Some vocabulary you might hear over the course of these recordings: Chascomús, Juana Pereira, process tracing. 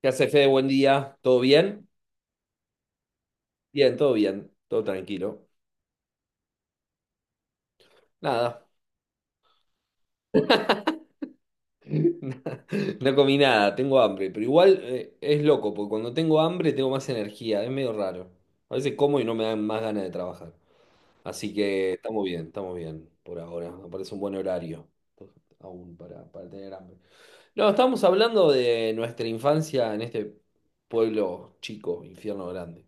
¿Qué hace, Fede? Buen día. ¿Todo bien? Bien. Todo tranquilo. Nada, no comí nada, tengo hambre. Pero igual es loco, porque cuando tengo hambre tengo más energía. Es medio raro. A veces como y no me dan más ganas de trabajar. Así que estamos bien por ahora. Me parece un buen horario aún para tener hambre. No, estamos hablando de nuestra infancia en este pueblo chico, infierno grande.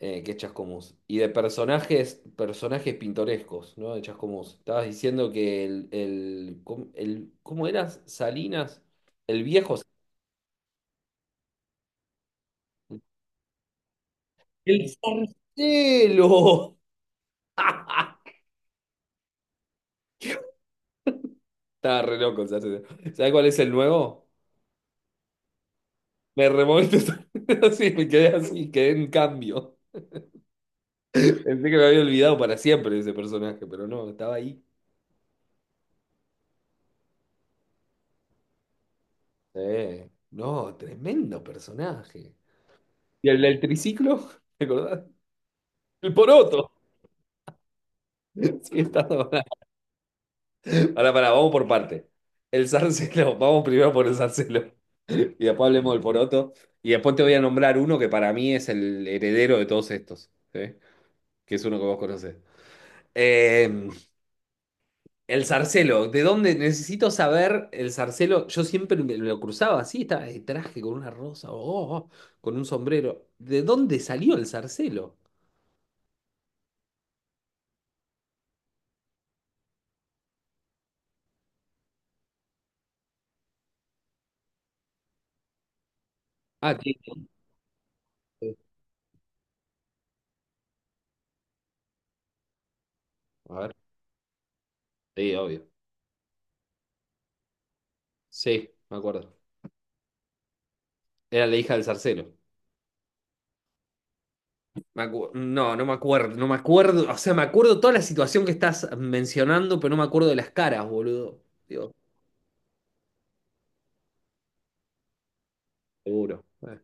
Que es Chascomús. Y de personajes, personajes pintorescos, ¿no? De Chascomús. Estabas diciendo que ¿cómo eras? Salinas, el viejo. Salinas. ¡El Sarcelo! Estaba re loco el Sarcelo. ¿Sabes cuál es el nuevo? Me removiste así, me quedé así, quedé en cambio. Pensé que me había olvidado para siempre de ese personaje, pero no, estaba ahí. Sí. No, tremendo personaje. ¿Y el del triciclo? ¿Te acordás? El poroto. Sí, está. Ahora, para, vamos por parte. El zarcelo, vamos primero por el zarcelo. Y después hablemos del poroto. Y después te voy a nombrar uno que para mí es el heredero de todos estos, ¿sí? Que es uno que vos conocés. Eh, el zarcelo, ¿de dónde necesito saber el zarcelo? Yo siempre me lo cruzaba así, estaba de traje con una rosa, oh, oh, oh, con un sombrero. ¿De dónde salió el zarcelo? Ah, tiene- A ver, sí, obvio. Sí, me acuerdo. Era la hija del zarcelo. No, no me acuerdo, no me acuerdo, o sea, me acuerdo toda la situación que estás mencionando, pero no me acuerdo de las caras, boludo. Digo, seguro.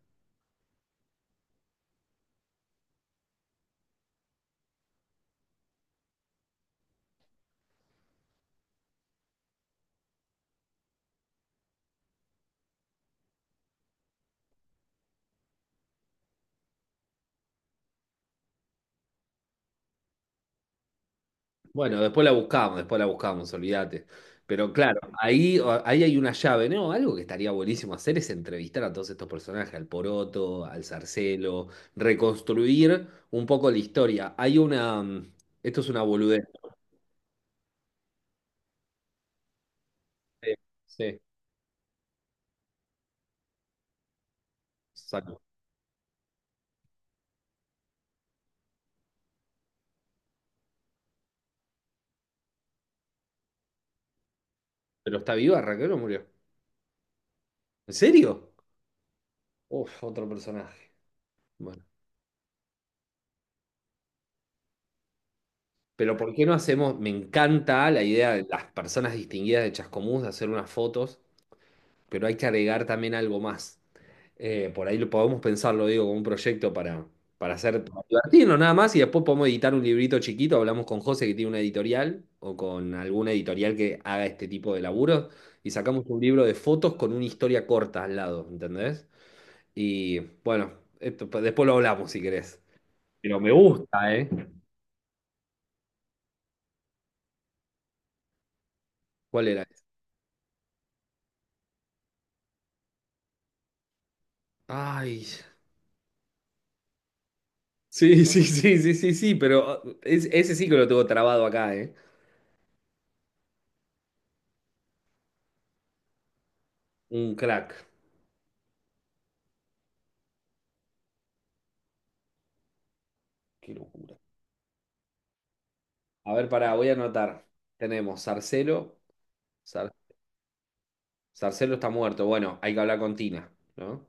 Bueno, después la buscamos, olvídate. Pero claro, ahí hay una llave, ¿no? Algo que estaría buenísimo hacer es entrevistar a todos estos personajes, al Poroto, al Zarcelo, reconstruir un poco la historia. Hay una, esto es una boludez. Sí, sí, exacto. Pero está viva, Raquel, o murió. ¿En serio? Uf, otro personaje. Bueno. Pero ¿por qué no hacemos? Me encanta la idea de las personas distinguidas de Chascomús de hacer unas fotos, pero hay que agregar también algo más. Por ahí lo podemos pensarlo, digo, como un proyecto para hacer, para divertirnos nada más y después podemos editar un librito chiquito. Hablamos con José, que tiene una editorial, o con alguna editorial que haga este tipo de laburos, y sacamos un libro de fotos con una historia corta al lado, ¿entendés? Y bueno, esto, después lo hablamos si querés. Pero me gusta, ¿eh? ¿Cuál era? Ay. Sí, sí, sí, sí, sí, sí, pero ese sí que lo tengo trabado acá, ¿eh? Un crack. Qué locura. A ver, pará, voy a anotar. Tenemos Sarcelo. Sar- Sarcelo está muerto. Bueno, hay que hablar con Tina, ¿no?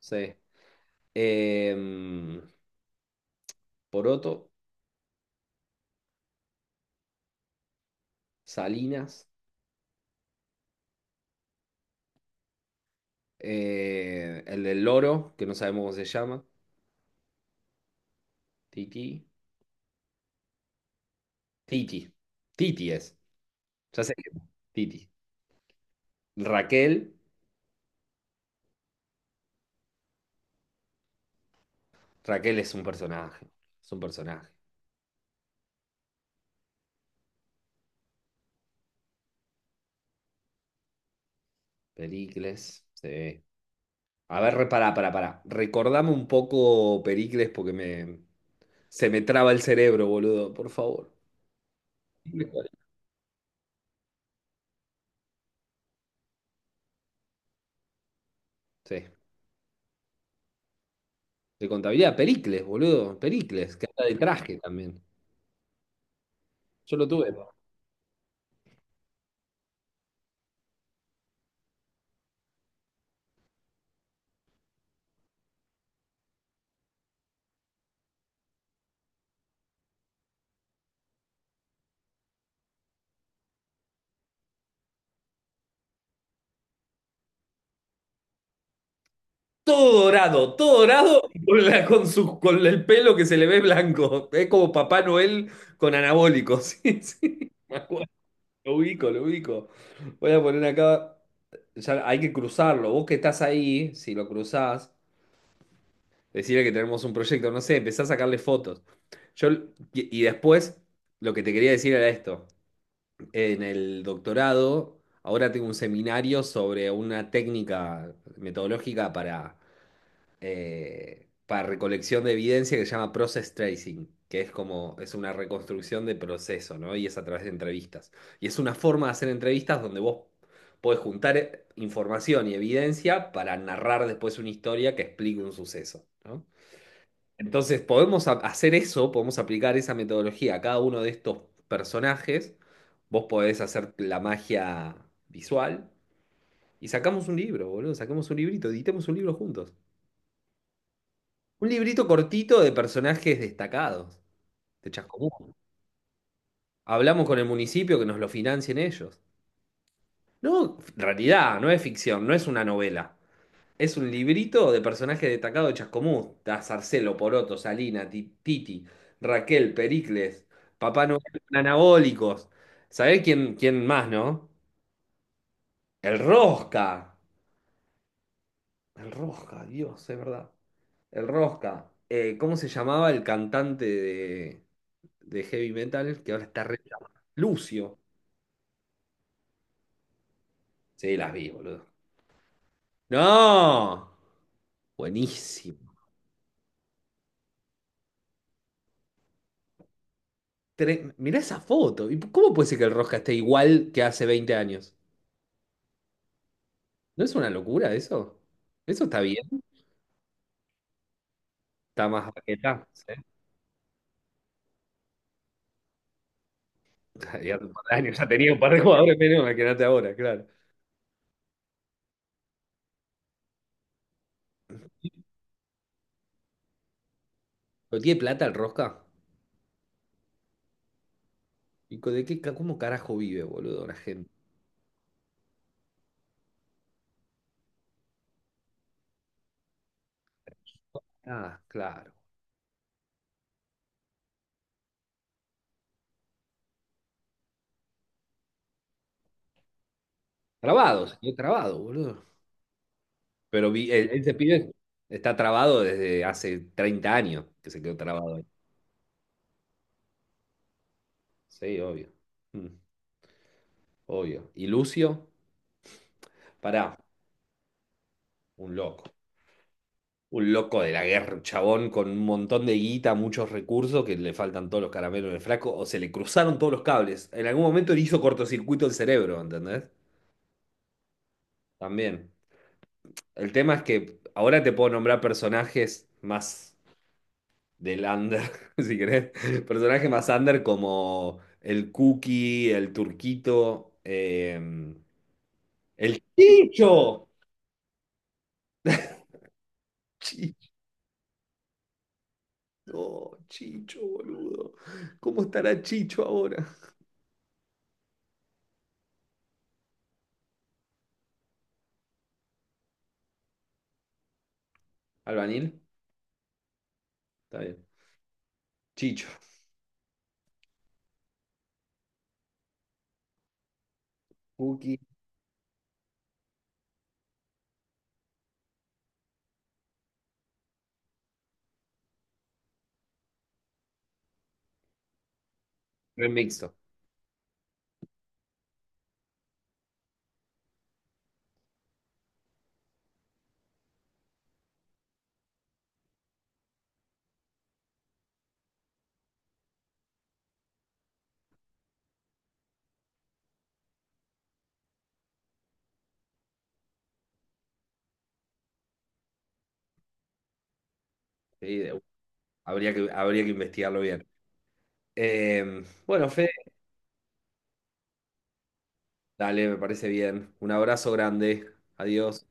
Sí. Em, Poroto, Salinas, el del loro, que no sabemos cómo se llama. Titi. Titi. Titi es. Ya sé que Titi. Raquel. Raquel es un personaje. Es un personaje. Pericles. Sí. A ver, pará, pará, pará. Recordame un poco, Pericles, porque se me traba el cerebro, boludo, por favor. Pericles. Sí, de contabilidad, Pericles, boludo, Pericles, que anda de traje también. Yo lo tuve. Todo dorado, con, la- con su- con el pelo que se le ve blanco. Es como Papá Noel con anabólicos. Sí, sí. Me acuerdo. Lo ubico, lo ubico. Voy a poner acá. Ya hay que cruzarlo. Vos que estás ahí, si lo cruzás. Decirle que tenemos un proyecto, no sé, empezá a sacarle fotos. Yo, y después, lo que te quería decir era esto. En el doctorado, ahora tengo un seminario sobre una técnica metodológica para recolección de evidencia, que se llama process tracing, que es como, es una reconstrucción de proceso, ¿no? Y es a través de entrevistas. Y es una forma de hacer entrevistas donde vos podés juntar información y evidencia para narrar después una historia que explique un suceso, ¿no? Entonces, podemos hacer eso, podemos aplicar esa metodología a cada uno de estos personajes. Vos podés hacer la magia visual y sacamos un libro, boludo. Sacamos un librito, editemos un libro juntos. Un librito cortito de personajes destacados de Chascomún. Hablamos con el municipio que nos lo financien ellos. No, realidad, no es ficción, no es una novela. Es un librito de personajes destacados de Chascomús. Está Sarcelo, Poroto, Salina, Titi, Raquel, Pericles, Papá Noel, Anabólicos. ¿Sabés quién, quién más, no? El Rosca. El Rosca, Dios, es verdad. El Rosca. ¿Cómo se llamaba el cantante de heavy metal que ahora está re... llamado? Lucio. Sí, las vi, boludo. ¡No! Buenísimo. Mirá esa foto. ¿Y cómo puede ser que el Rosca esté igual que hace 20 años? ¿No es una locura eso? Eso está bien. Está más baqueta, ¿sí? Ya, hace un par de años ya tenía un par de jugadores menos, imagínate ahora, claro. ¿Pero tiene plata el Rosca? ¿Y cómo carajo vive, boludo, la gente? Ah, claro. Trabado, se quedó trabado, boludo. Pero vi, ese pibe está trabado desde hace 30 años, que se quedó trabado ahí. Sí, obvio. Mm, obvio. ¿Y Lucio? Pará, un loco. Un loco de la guerra, un chabón con un montón de guita, muchos recursos, que le faltan todos los caramelos en el flaco, o se le cruzaron todos los cables. En algún momento le hizo cortocircuito el cerebro, ¿entendés? También. El tema es que ahora te puedo nombrar personajes más del under, si querés. Personajes más under como el Cookie, el Turquito, el Chicho. Chicho, Chicho, boludo. ¿Cómo estará Chicho ahora? ¿Albanil? Está bien. Chicho, Cookie, remixo. Sí, de- habría que investigarlo bien. Bueno, Fede, dale, me parece bien. Un abrazo grande. Adiós.